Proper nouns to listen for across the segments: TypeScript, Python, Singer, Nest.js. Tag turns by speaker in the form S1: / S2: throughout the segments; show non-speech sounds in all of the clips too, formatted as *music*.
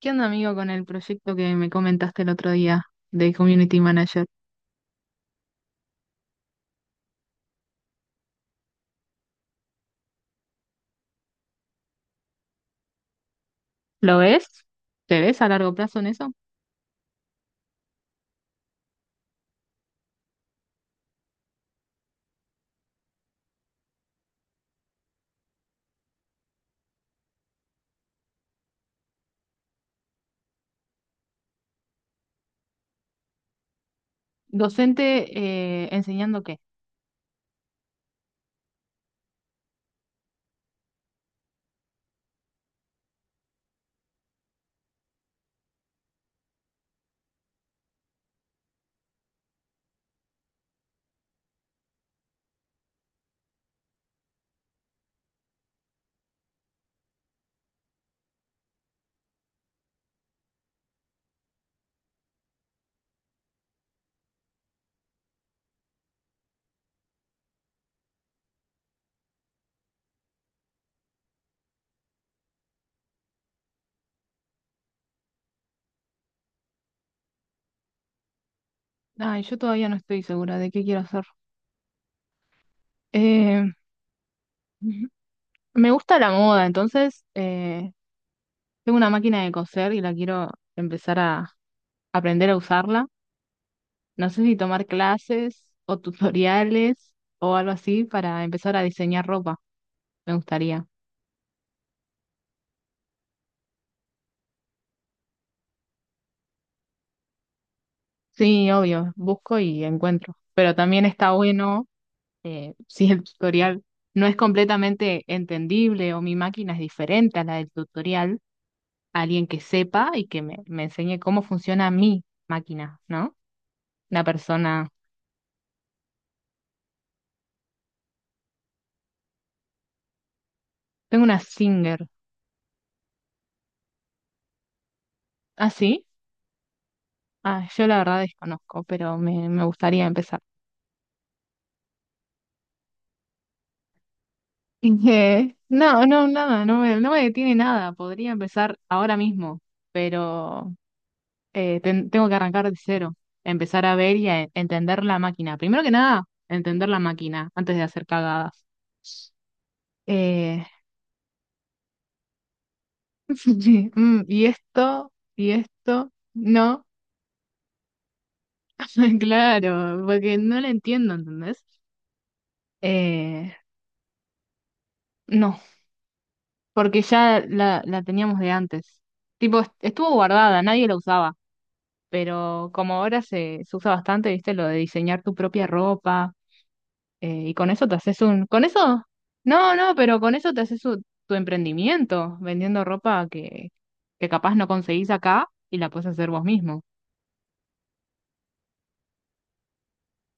S1: ¿Qué onda, amigo, con el proyecto que me comentaste el otro día de Community Manager? ¿Lo ves? ¿Te ves a largo plazo en eso? ¿Docente enseñando qué? Ay, yo todavía no estoy segura de qué quiero hacer. Eh, *laughs* me gusta la moda, entonces tengo una máquina de coser y la quiero empezar a aprender a usarla. No sé si tomar clases o tutoriales o algo así para empezar a diseñar ropa. Me gustaría. Sí, obvio, busco y encuentro. Pero también está bueno. *laughs* Si el tutorial no es completamente entendible o mi máquina es diferente a la del tutorial, alguien que sepa y que me enseñe cómo funciona mi máquina, ¿no? Una persona, tengo una Singer. ¿Ah, sí? Ah, yo la verdad desconozco, pero me gustaría empezar. *laughs* No, no, nada, no me detiene nada, podría empezar ahora mismo, pero tengo que arrancar de cero, empezar a ver y a entender la máquina. Primero que nada, entender la máquina antes de hacer cagadas. Eh, *laughs* sí, y esto, no. *laughs* Claro, porque no la entiendo, ¿entendés? Eh, no, porque ya la teníamos de antes. Tipo, estuvo guardada, nadie la usaba, pero como ahora se usa bastante, ¿viste? Lo de diseñar tu propia ropa. Y con eso te haces un... ¿Con eso? No, no, pero con eso te haces tu emprendimiento, vendiendo ropa que capaz no conseguís acá y la puedes hacer vos mismo.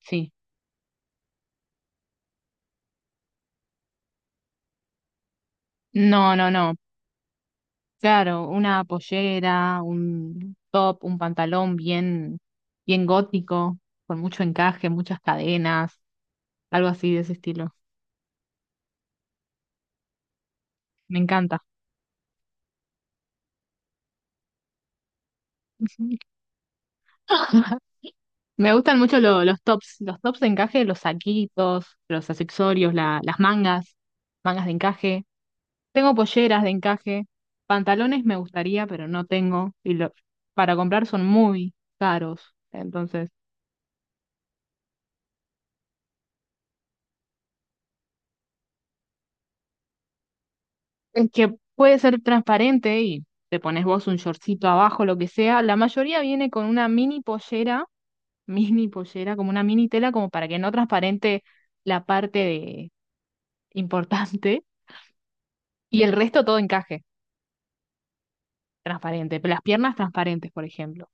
S1: Sí. No, no, no. Claro, una pollera, un top, un pantalón bien, bien gótico, con mucho encaje, muchas cadenas, algo así de ese estilo. Me encanta. *laughs* Me gustan mucho los tops de encaje, los saquitos, los accesorios, las mangas, mangas de encaje. Tengo polleras de encaje, pantalones me gustaría, pero no tengo. Y para comprar son muy caros. Entonces, el que puede ser transparente y te pones vos un shortcito abajo, lo que sea, la mayoría viene con una mini pollera, *laughs* mini pollera, como una mini tela, como para que no transparente la parte de importante y el resto todo encaje, transparente. Pero las piernas transparentes, por ejemplo.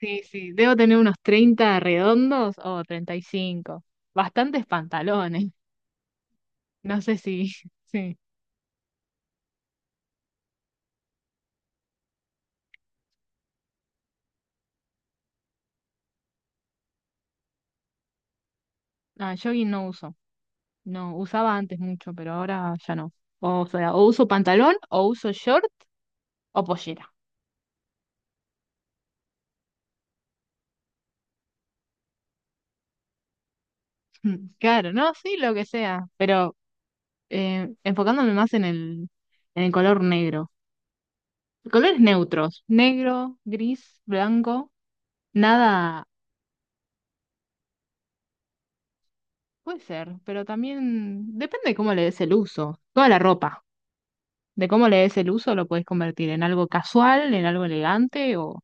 S1: Sí, sí, debo tener unos 30 redondos o 35. Bastantes pantalones. No sé si, *laughs* sí. Ah, jogging no uso. No, usaba antes mucho, pero ahora ya no. O sea, o uso pantalón, o uso short, o pollera. *laughs* Mm, claro, no, sí, lo que sea. Pero enfocándome más en el color negro. Colores neutros. Negro, gris, blanco. Nada. Puede ser, pero también depende de cómo le des el uso. Toda la ropa. De cómo le des el uso lo puedes convertir en algo casual, en algo elegante o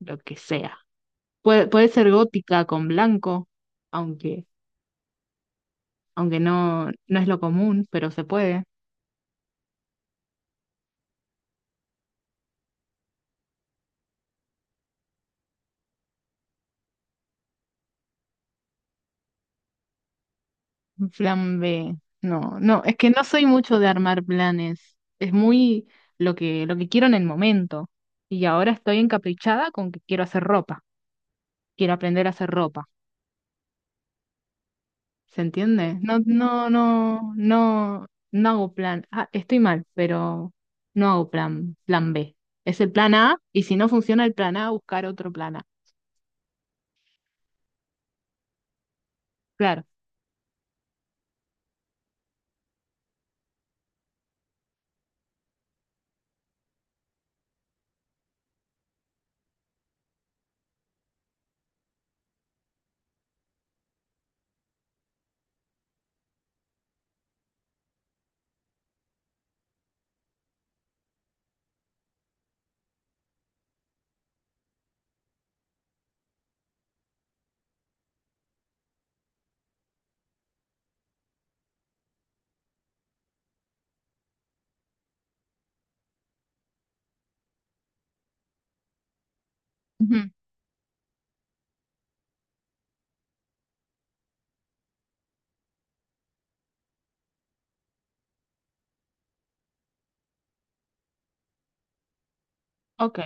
S1: lo que sea. Puede ser gótica con blanco, aunque, aunque no es lo común, pero se puede. Un plan B. No, no, es que no soy mucho de armar planes. Es muy lo que quiero en el momento. Y ahora estoy encaprichada con que quiero hacer ropa. Quiero aprender a hacer ropa. ¿Se entiende? No, no, no, no, no hago plan. Ah, estoy mal, pero no hago plan B. Es el plan A, y si no funciona el plan A, buscar otro plan A. Claro. Ujú. Ok.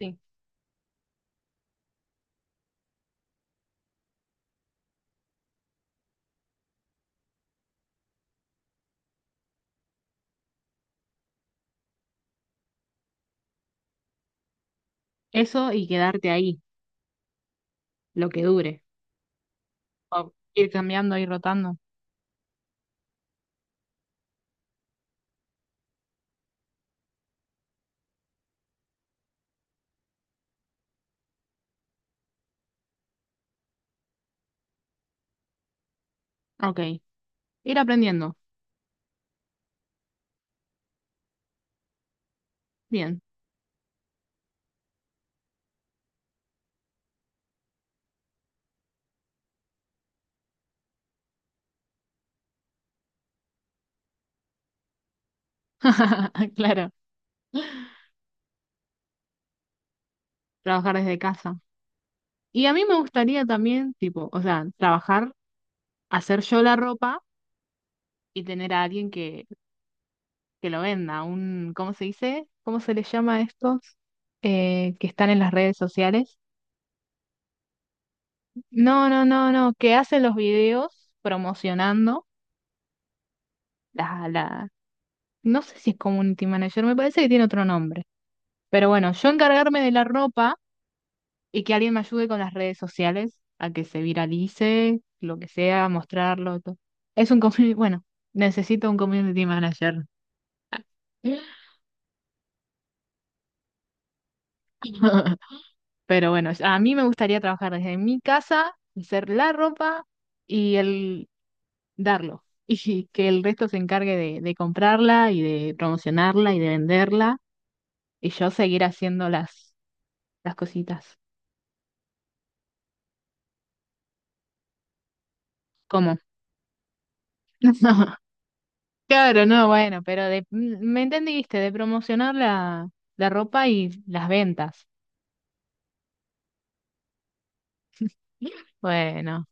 S1: Sí. Eso y quedarte ahí, lo que dure. O ir cambiando, ir rotando. Ok. Ir aprendiendo. Bien. *laughs* Claro. Trabajar desde casa. Y a mí me gustaría también, tipo, o sea, trabajar, hacer yo la ropa y tener a alguien que lo venda. ¿Cómo se dice? ¿Cómo se les llama a estos que están en las redes sociales? No, no, no, no. Que hacen los videos promocionando la... No sé si es community manager, me parece que tiene otro nombre. Pero bueno, yo encargarme de la ropa y que alguien me ayude con las redes sociales a que se viralice, lo que sea, mostrarlo, todo. Es un community, *laughs* bueno, necesito un community manager. *laughs* Pero bueno, a mí me gustaría trabajar desde mi casa, hacer la ropa y el darlo. *laughs* Y que el resto se encargue de comprarla y de promocionarla y de venderla y yo seguir haciendo las cositas. ¿Cómo? *laughs* Claro, no, bueno, pero me entendiste, de promocionar la ropa y las ventas. Bueno,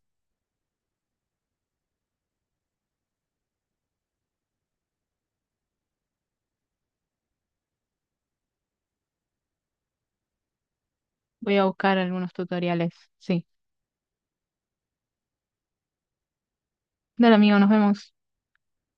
S1: voy a buscar algunos tutoriales. Sí. Dale, amigo, nos vemos.